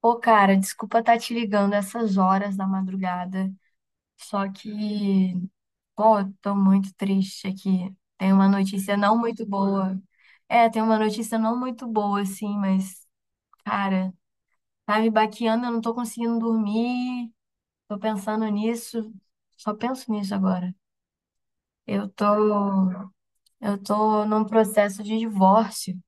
Pô, cara, desculpa estar te ligando essas horas da madrugada, só que, pô, eu tô muito triste aqui. Tem uma notícia não muito boa. É, tem uma notícia não muito boa, assim, mas, cara, tá me baqueando, eu não tô conseguindo dormir, tô pensando nisso, só penso nisso agora. Eu tô, eu tô num processo de divórcio.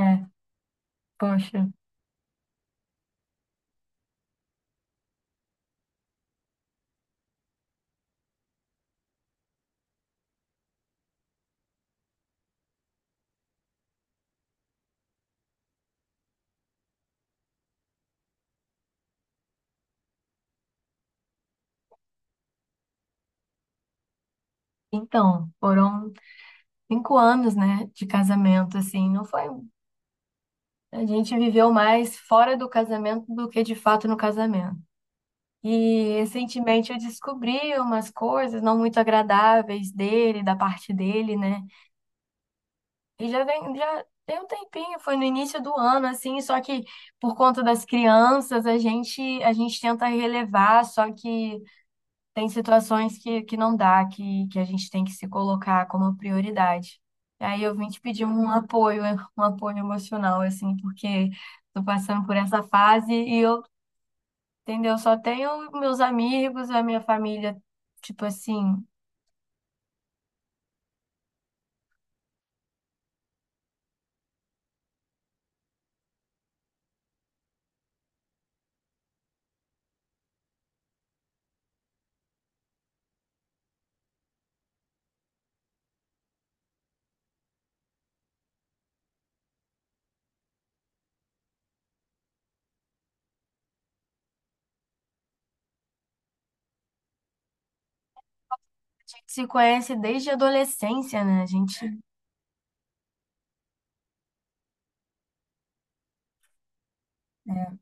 É, poxa. Então, foram 5 anos, né, de casamento, assim, não foi. A gente viveu mais fora do casamento do que de fato no casamento. E recentemente eu descobri umas coisas não muito agradáveis dele, da parte dele, né? E já vem, já tem um tempinho, foi no início do ano, assim, só que por conta das crianças, a gente tenta relevar, só que tem situações que não dá, que a gente tem que se colocar como prioridade. E aí eu vim te pedir um apoio emocional, assim, porque tô passando por essa fase e eu, entendeu? Só tenho meus amigos, a minha família, tipo assim, a gente se conhece desde a adolescência, né? A gente, é,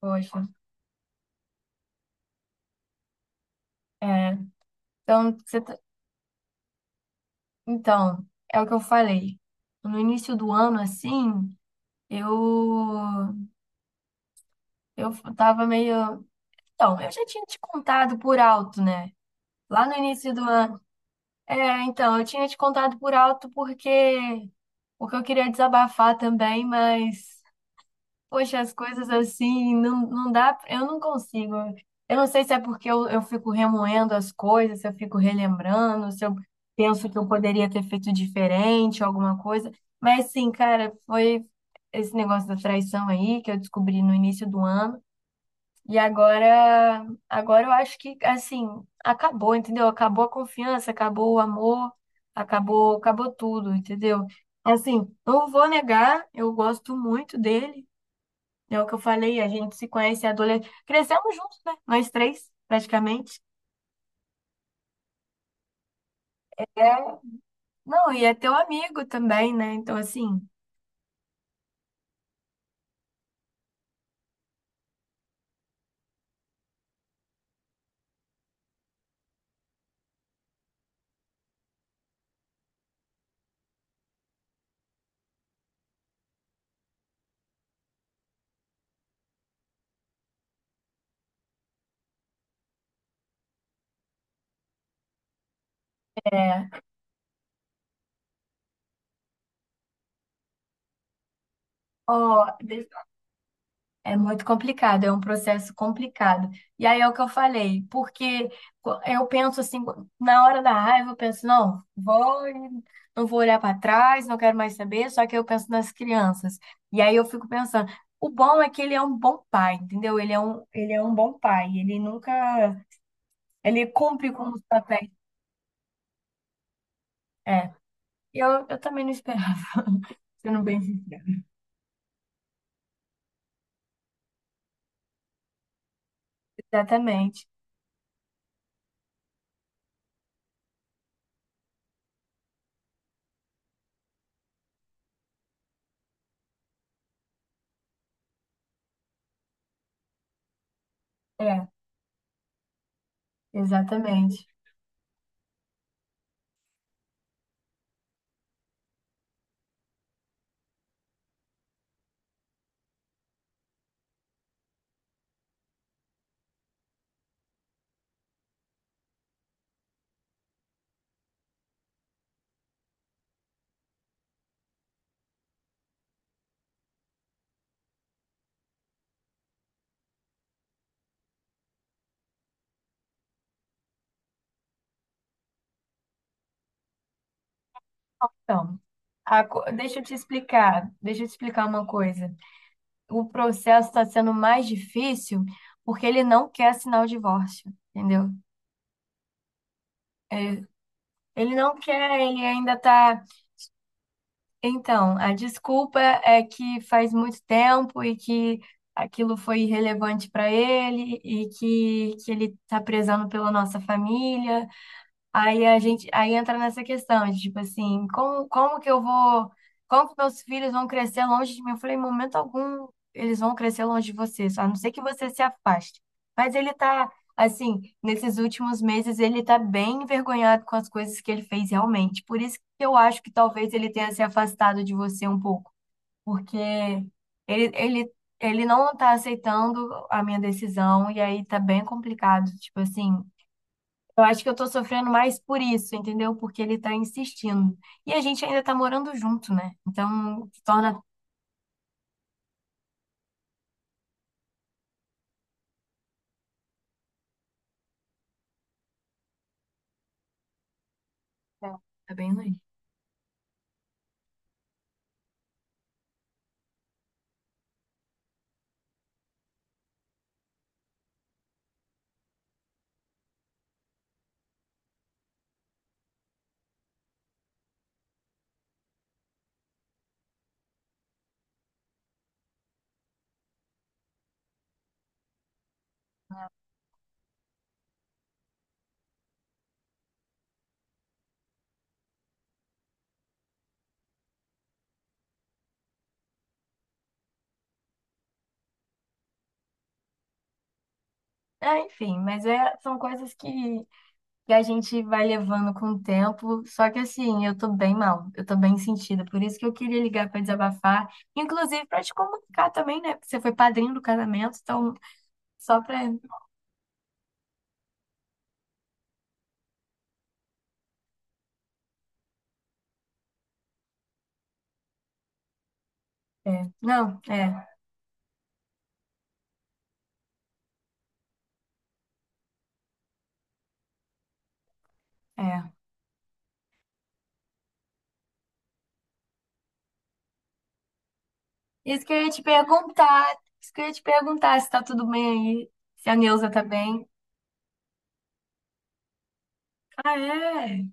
poxa, é. Então, você tá- então, é o que eu falei. No início do ano, assim, eu eu tava meio. Então, eu já tinha te contado por alto, né? Lá no início do ano. É, então, eu tinha te contado por alto porque eu queria desabafar também, mas poxa, as coisas assim não, não dá, eu não consigo. Eu não sei se é porque eu fico remoendo as coisas, se eu fico relembrando, se eu penso que eu poderia ter feito diferente, alguma coisa. Mas sim, cara, foi esse negócio da traição aí que eu descobri no início do ano. E agora eu acho que assim, acabou, entendeu? Acabou a confiança, acabou o amor, acabou, acabou tudo, entendeu? Assim, não vou negar, eu gosto muito dele. É o que eu falei, a gente se conhece é adolescente. Crescemos juntos, né? Nós três, praticamente. É, não, e é teu amigo também, né? Então, assim, é ó, é muito complicado, é um processo complicado. E aí é o que eu falei, porque co- eu penso assim, na hora da raiva, eu penso, não, vou, e não vou olhar para trás, não quero mais saber, só que eu penso nas crianças. E aí eu fico pensando, o bom é que ele é um bom pai, entendeu? Ele é um bom pai, ele nunca, ele cumpre com os papéis. É, eu também não esperava, sendo bem sincera. Exatamente, é, exatamente. Então, a co- deixa eu te explicar, deixa eu te explicar uma coisa. O processo está sendo mais difícil porque ele não quer assinar o divórcio, entendeu? Ele não quer, ele ainda tá. Então, a desculpa é que faz muito tempo e que aquilo foi irrelevante para ele e que ele tá prezando pela nossa família. Aí a gente, aí entra nessa questão, de, tipo assim, como, como que eu vou, como que meus filhos vão crescer longe de mim? Eu falei, em momento algum, eles vão crescer longe de você, só a não ser que você se afaste. Mas ele tá, assim, nesses últimos meses, ele tá bem envergonhado com as coisas que ele fez realmente. Por isso que eu acho que talvez ele tenha se afastado de você um pouco, porque ele, ele, ele não tá aceitando a minha decisão, e aí tá bem complicado, tipo assim. Eu acho que eu tô sofrendo mais por isso, entendeu? Porque ele tá insistindo. E a gente ainda tá morando junto, né? Então, torna. É, tá bem longe. Ah, enfim, mas é, são coisas que a gente vai levando com o tempo. Só que assim, eu tô bem mal, eu tô bem sentida. Por isso que eu queria ligar pra desabafar, inclusive pra te comunicar também, né? Porque você foi padrinho do casamento, então só pra. É. Não, é, é. Isso que eu ia te perguntar, isso que eu ia te perguntar se tá tudo bem aí, se a Neuza tá bem. Ah, é?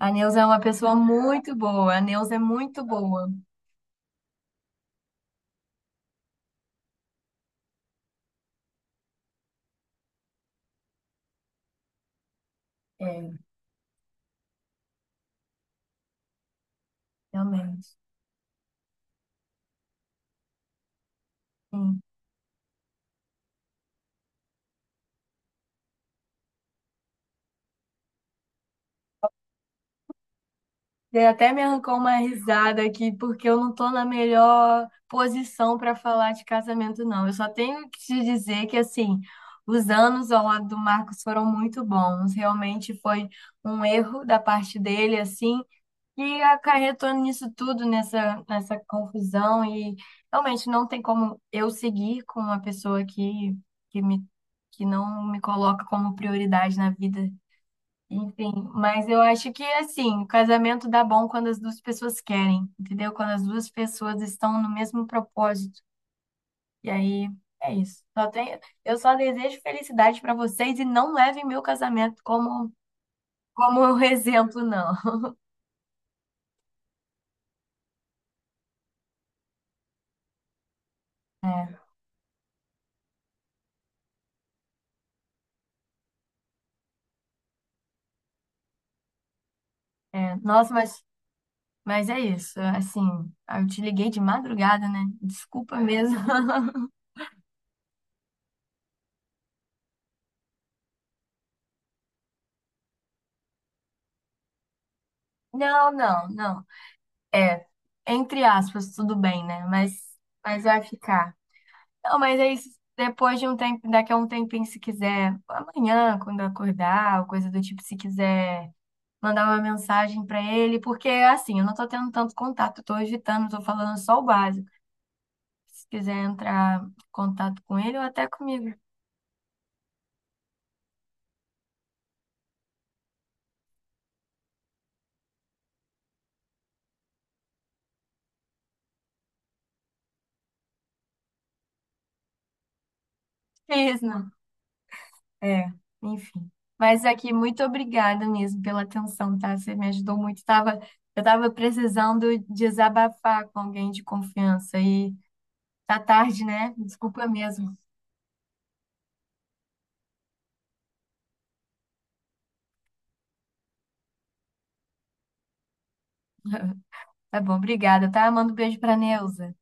A Neuza é uma pessoa muito boa. A Neuza é muito boa. É, realmente. Sim. E até me arrancou uma risada aqui, porque eu não tô na melhor posição para falar de casamento, não. Eu só tenho que te dizer que, assim, os anos ao lado do Marcos foram muito bons. Realmente foi um erro da parte dele, assim, que acarretou nisso tudo, nessa confusão, e realmente não tem como eu seguir com uma pessoa que me, que não me coloca como prioridade na vida. Enfim, mas eu acho que assim, o casamento dá bom quando as duas pessoas querem, entendeu? Quando as duas pessoas estão no mesmo propósito. E aí é isso. Só tenho, eu só desejo felicidade para vocês e não levem meu casamento como como um exemplo, não. É, é. Nossa, mas é isso, assim, eu te liguei de madrugada, né? Desculpa mesmo. Não, não, não. É, entre aspas, tudo bem, né? Mas vai ficar. Não, mas é isso. Depois de um tempo, daqui a um tempinho, se quiser, amanhã, quando eu acordar, ou coisa do tipo, se quiser mandar uma mensagem pra ele, porque assim, eu não tô tendo tanto contato, tô evitando, tô falando só o básico. Se quiser entrar em contato com ele ou até comigo. Fiz, né? É, enfim. Mas aqui, muito obrigada mesmo pela atenção, tá? Você me ajudou muito. Tava, eu tava precisando desabafar com alguém de confiança e tá tarde, né? Desculpa mesmo. Tá bom, obrigada, tá? Manda um beijo pra Neuza.